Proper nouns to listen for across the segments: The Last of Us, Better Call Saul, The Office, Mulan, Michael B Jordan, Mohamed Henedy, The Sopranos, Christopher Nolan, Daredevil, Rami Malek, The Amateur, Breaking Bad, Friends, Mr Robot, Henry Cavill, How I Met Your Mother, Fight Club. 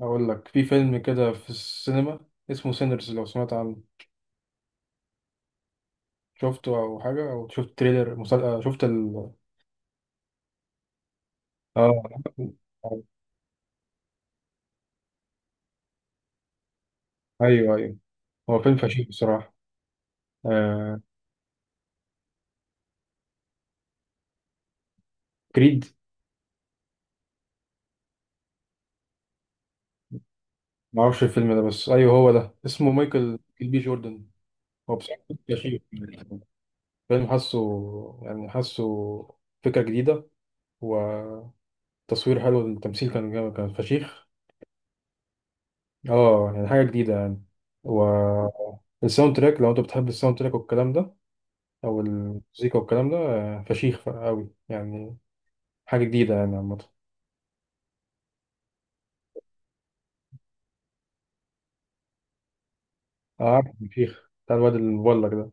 أقول لك في فيلم كده في السينما، اسمه سينرز، لو سمعت عنه. شفته أو حاجة؟ أو شفت تريلر مسل... آه، شفت ال. آه أيوه أيوه. هو فيلم فشيخ بصراحة. آه... كريد. معرفش الفيلم ده، بس أيوه هو ده، اسمه مايكل بي جوردن. هو بصراحة فيلم فشيخ، فيلم حاسه، يعني حاسه، فكرة جديدة، وتصوير حلو، التمثيل كان جامد كان فشيخ. اه يعني حاجة جديدة يعني. و الساوند تراك لو انت بتحب الساوند تراك والكلام ده او المزيكا والكلام ده، فشيخ قوي يعني. حاجة جديدة يعني عامة. انا عارف، فشيخ، بتاع الواد المبلغ ده.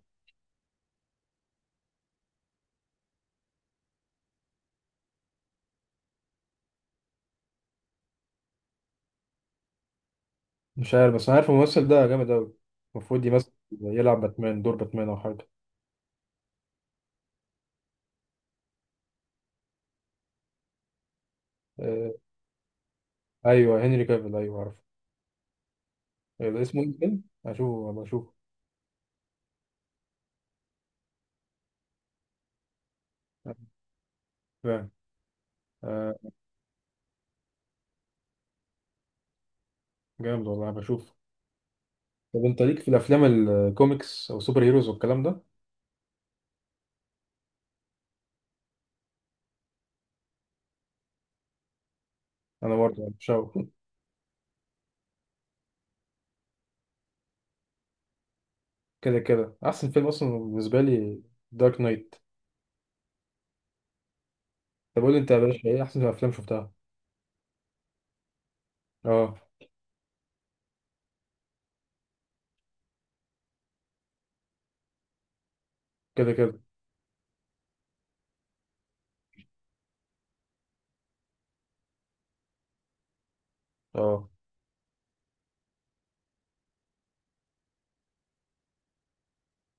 مش عارف، بس انا عارف الممثل ده جامد قوي. المفروض يمثل، يلعب باتمان، دور باتمان او حاجة. آه، ايوه هنري كافيل، ايوه عارف. اسمه ايه الفيلم؟ هشوفه، أبقى اشوفه. فاهم. آه، جامد والله، بشوف. طب انت ليك في الافلام الكوميكس او سوبر هيروز والكلام ده؟ انا برضه مش. كده كده احسن فيلم اصلا بالنسبه لي دارك نايت. طب قول لي انت يا باشا، ايه احسن افلام شفتها؟ اه. كده كده. اه.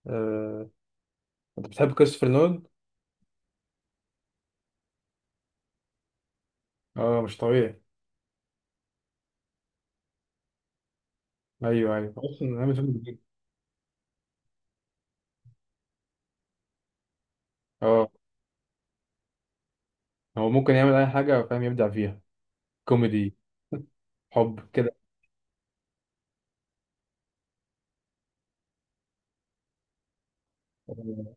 آه، انت بتحب كريستوفر نولان؟ اه مش طبيعي. ايوه ايوه، اصلا عامل فيلم جديد. اه. هو ممكن يعمل اي حاجه فاهم، يبدع فيها. كوميدي، حب كده. آه،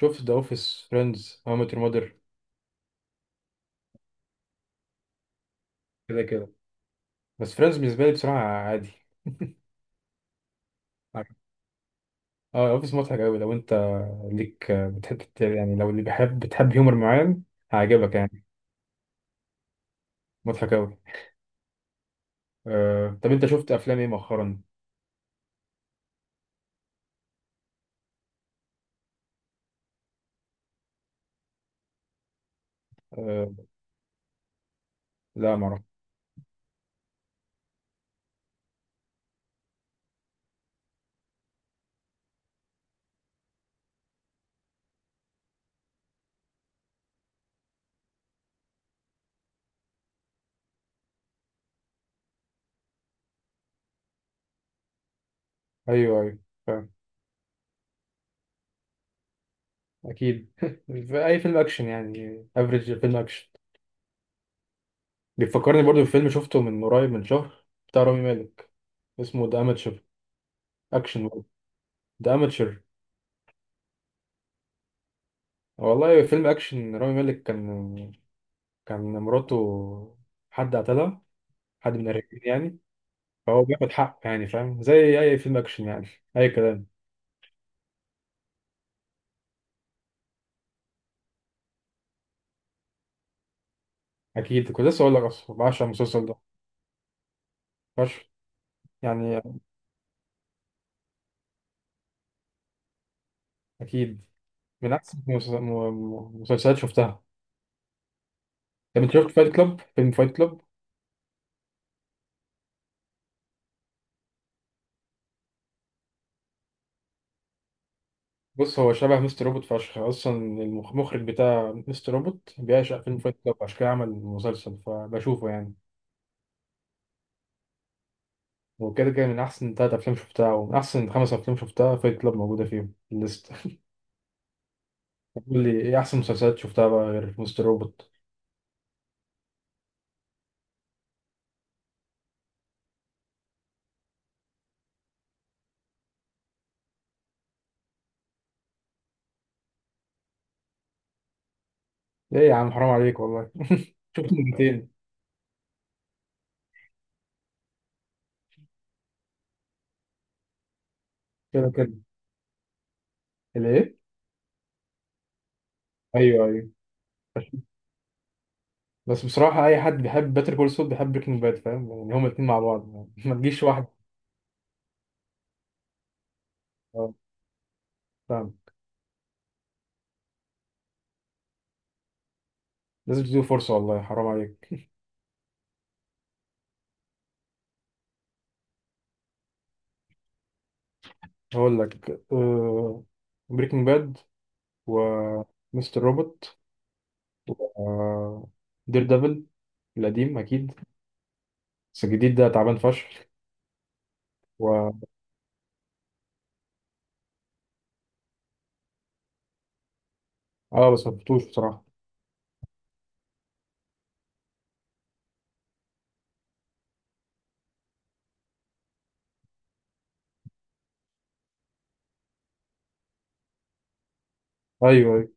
شفت ذا اوفيس، فريندز، هاو ميت يور ماذر. كده كده. بس فريندز بالنسبه لي بصراحه عادي. اه اوفيس مضحك قوي لو انت ليك، بتحب يعني، لو اللي بيحب، بتحب هيومر معين، هيعجبك يعني. مضحك قوي. طب انت شفت افلام ايه مؤخرا؟ آه، لا ما اعرف. ايوه ايوه فاهم. اكيد. في اي فيلم اكشن يعني، افريج فيلم اكشن. بيفكرني برضو بفيلم شفته من قريب، من شهر، بتاع رامي مالك، اسمه ذا اماتشر. اكشن برضه، ذا اماتشر. والله فيلم اكشن، رامي مالك كان مراته حد قتلها، حد من الرجالين يعني. فهو بياخد حقه يعني، فاهم زي اي فيلم اكشن يعني، اي كلام. اكيد، كنت لسه اقول لك، اصلا بعشق المسلسل ده، فشخ يعني. اكيد من أحسن مسلسلات شفتها. طب أنت شفت فايت كلاب، فيلم فايت كلاب؟ بص، هو شبه مستر روبوت فشخ، أصلا المخرج بتاع مستر روبوت بيعشق فيلم فايت كلاب، عشان كده عمل مسلسل، فبشوفه يعني. وكده كده من أحسن تلات أفلام شفتها، ومن أحسن خمس أفلام شفتها، فايت كلاب موجودة فيهم في الليستة. قول لي إيه أحسن مسلسلات شفتها بقى غير مستر روبوت؟ إيه يا عم، حرام عليك والله، شفت مرتين. كده كده. الإيه؟ أيوه أيوه. بس بصراحة أي حد بيحب باتر كول سول بيحب بريكنج باد، فاهم يعني، هما الاتنين مع بعض يعني. ما تجيش واحدة. اه فاهم. لازم تديله فرصة، والله حرام عليك. هقول لك: بريكنج باد، ومستر روبوت. آه، دير ديفل، القديم أكيد. بس الجديد ده تعبان فشخ. و اه بس مفتوش بصراحة. أيوه أيوه.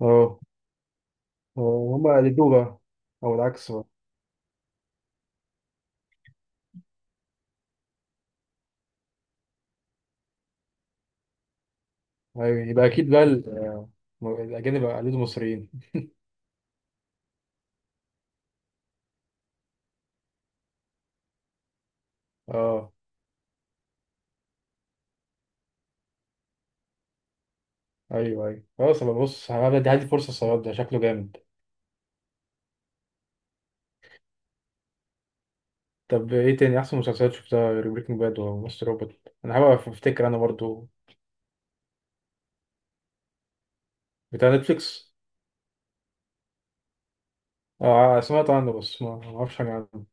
اه. هما قلدوه بقى، أو العكس بقى. أيوه، يبقى أكيد بقى الأجانب قلدوا المصريين. اه. أيوه أيوه خلاص، أبقى بص، هدي هدي فرصة، الصياد ده شكله جامد. طب إيه تاني أحسن مسلسلات شفتها غير بريكنج باد ومستر روبوت؟ أنا حابب أفتكر أنا برضو. بتاع نتفليكس؟ اه سمعت عنه، بس ما ما اعرفش حاجه عنه.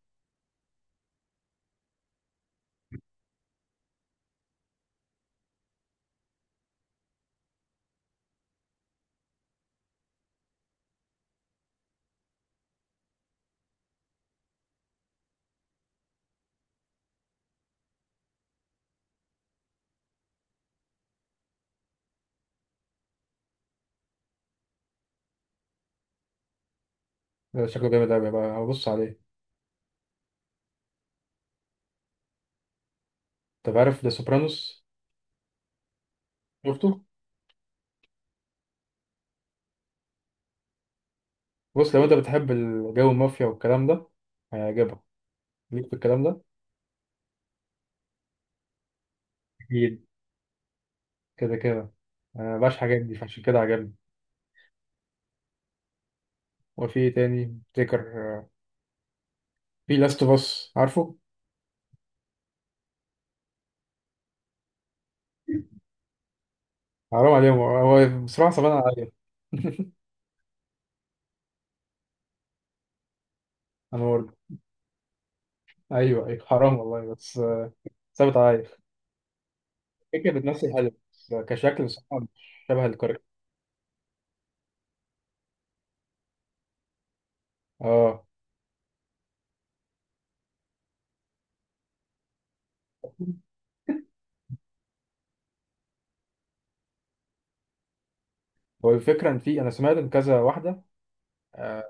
ده شكله جامد قوي بقى، هبص عليه. طب عارف ذا سوبرانوس؟ شفته. بص لو انت بتحب الجو المافيا والكلام ده، هيعجبك، ليك في الكلام ده. أكيد. كده كده. انا مبقاش حاجات دي، فعشان كده عجبني. وفي إيه تاني افتكر؟ آه، في لاست اوف اس، عارفه. حرام عليهم، هو هو بصراحه صعبان عليا. انا برضه. ايوه ايوه، حرام والله، بس. ثابت عليا. فكره بتمثل حلو، بس كشكل بصراحه مش شبه الكاركتر. اه، هو الفكرة إن في، أنا سمعت إن كذا واحدة آه،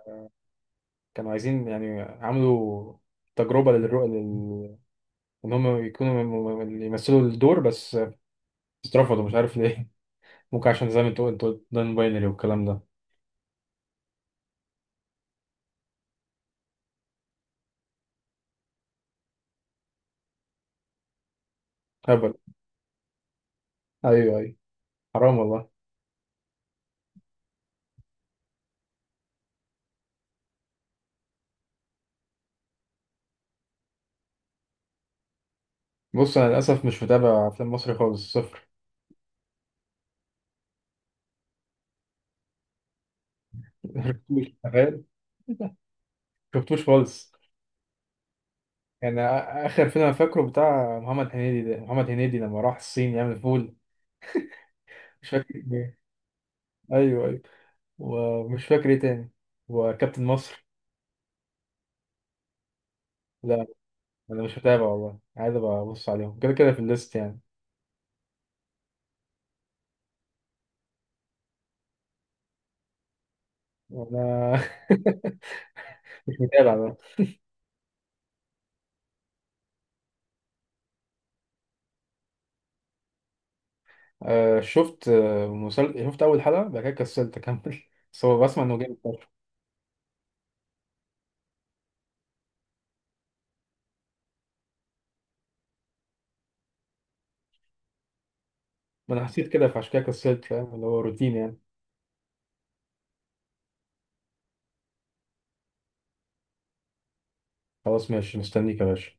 كانوا عايزين، يعني عملوا تجربة للرؤى إن هم يكونوا يمثلوا الدور، بس اترفضوا مش عارف ليه. ممكن عشان زي ما أنت قلت نون باينري والكلام ده. هبل. أيوه أيوه، حرام والله. بص أنا للأسف مش متابع أفلام مصري خالص، صفر. شفتوش تخيل. شفتوش خالص. يعني آخر فيلم أنا فاكره بتاع محمد هنيدي ده، محمد هنيدي لما راح الصين يعمل فول. مش فاكر إيه. أيوه أيوه. ومش فاكر إيه تاني. وكابتن مصر. لا. انا مش متابع والله، عايز ابقى ابص عليهم كده كده في الليست يعني. وانا مش متابع بقى. آه شفت، آه شفت اول حلقه بعد كده كسلت اكمل. بس هو بسمع انه جامد فشخ. ما انا حسيت كده، فعشان كده كسلت، فاهم اللي هو روتين يعني. خلاص ماشي، مستنيك يا باشا.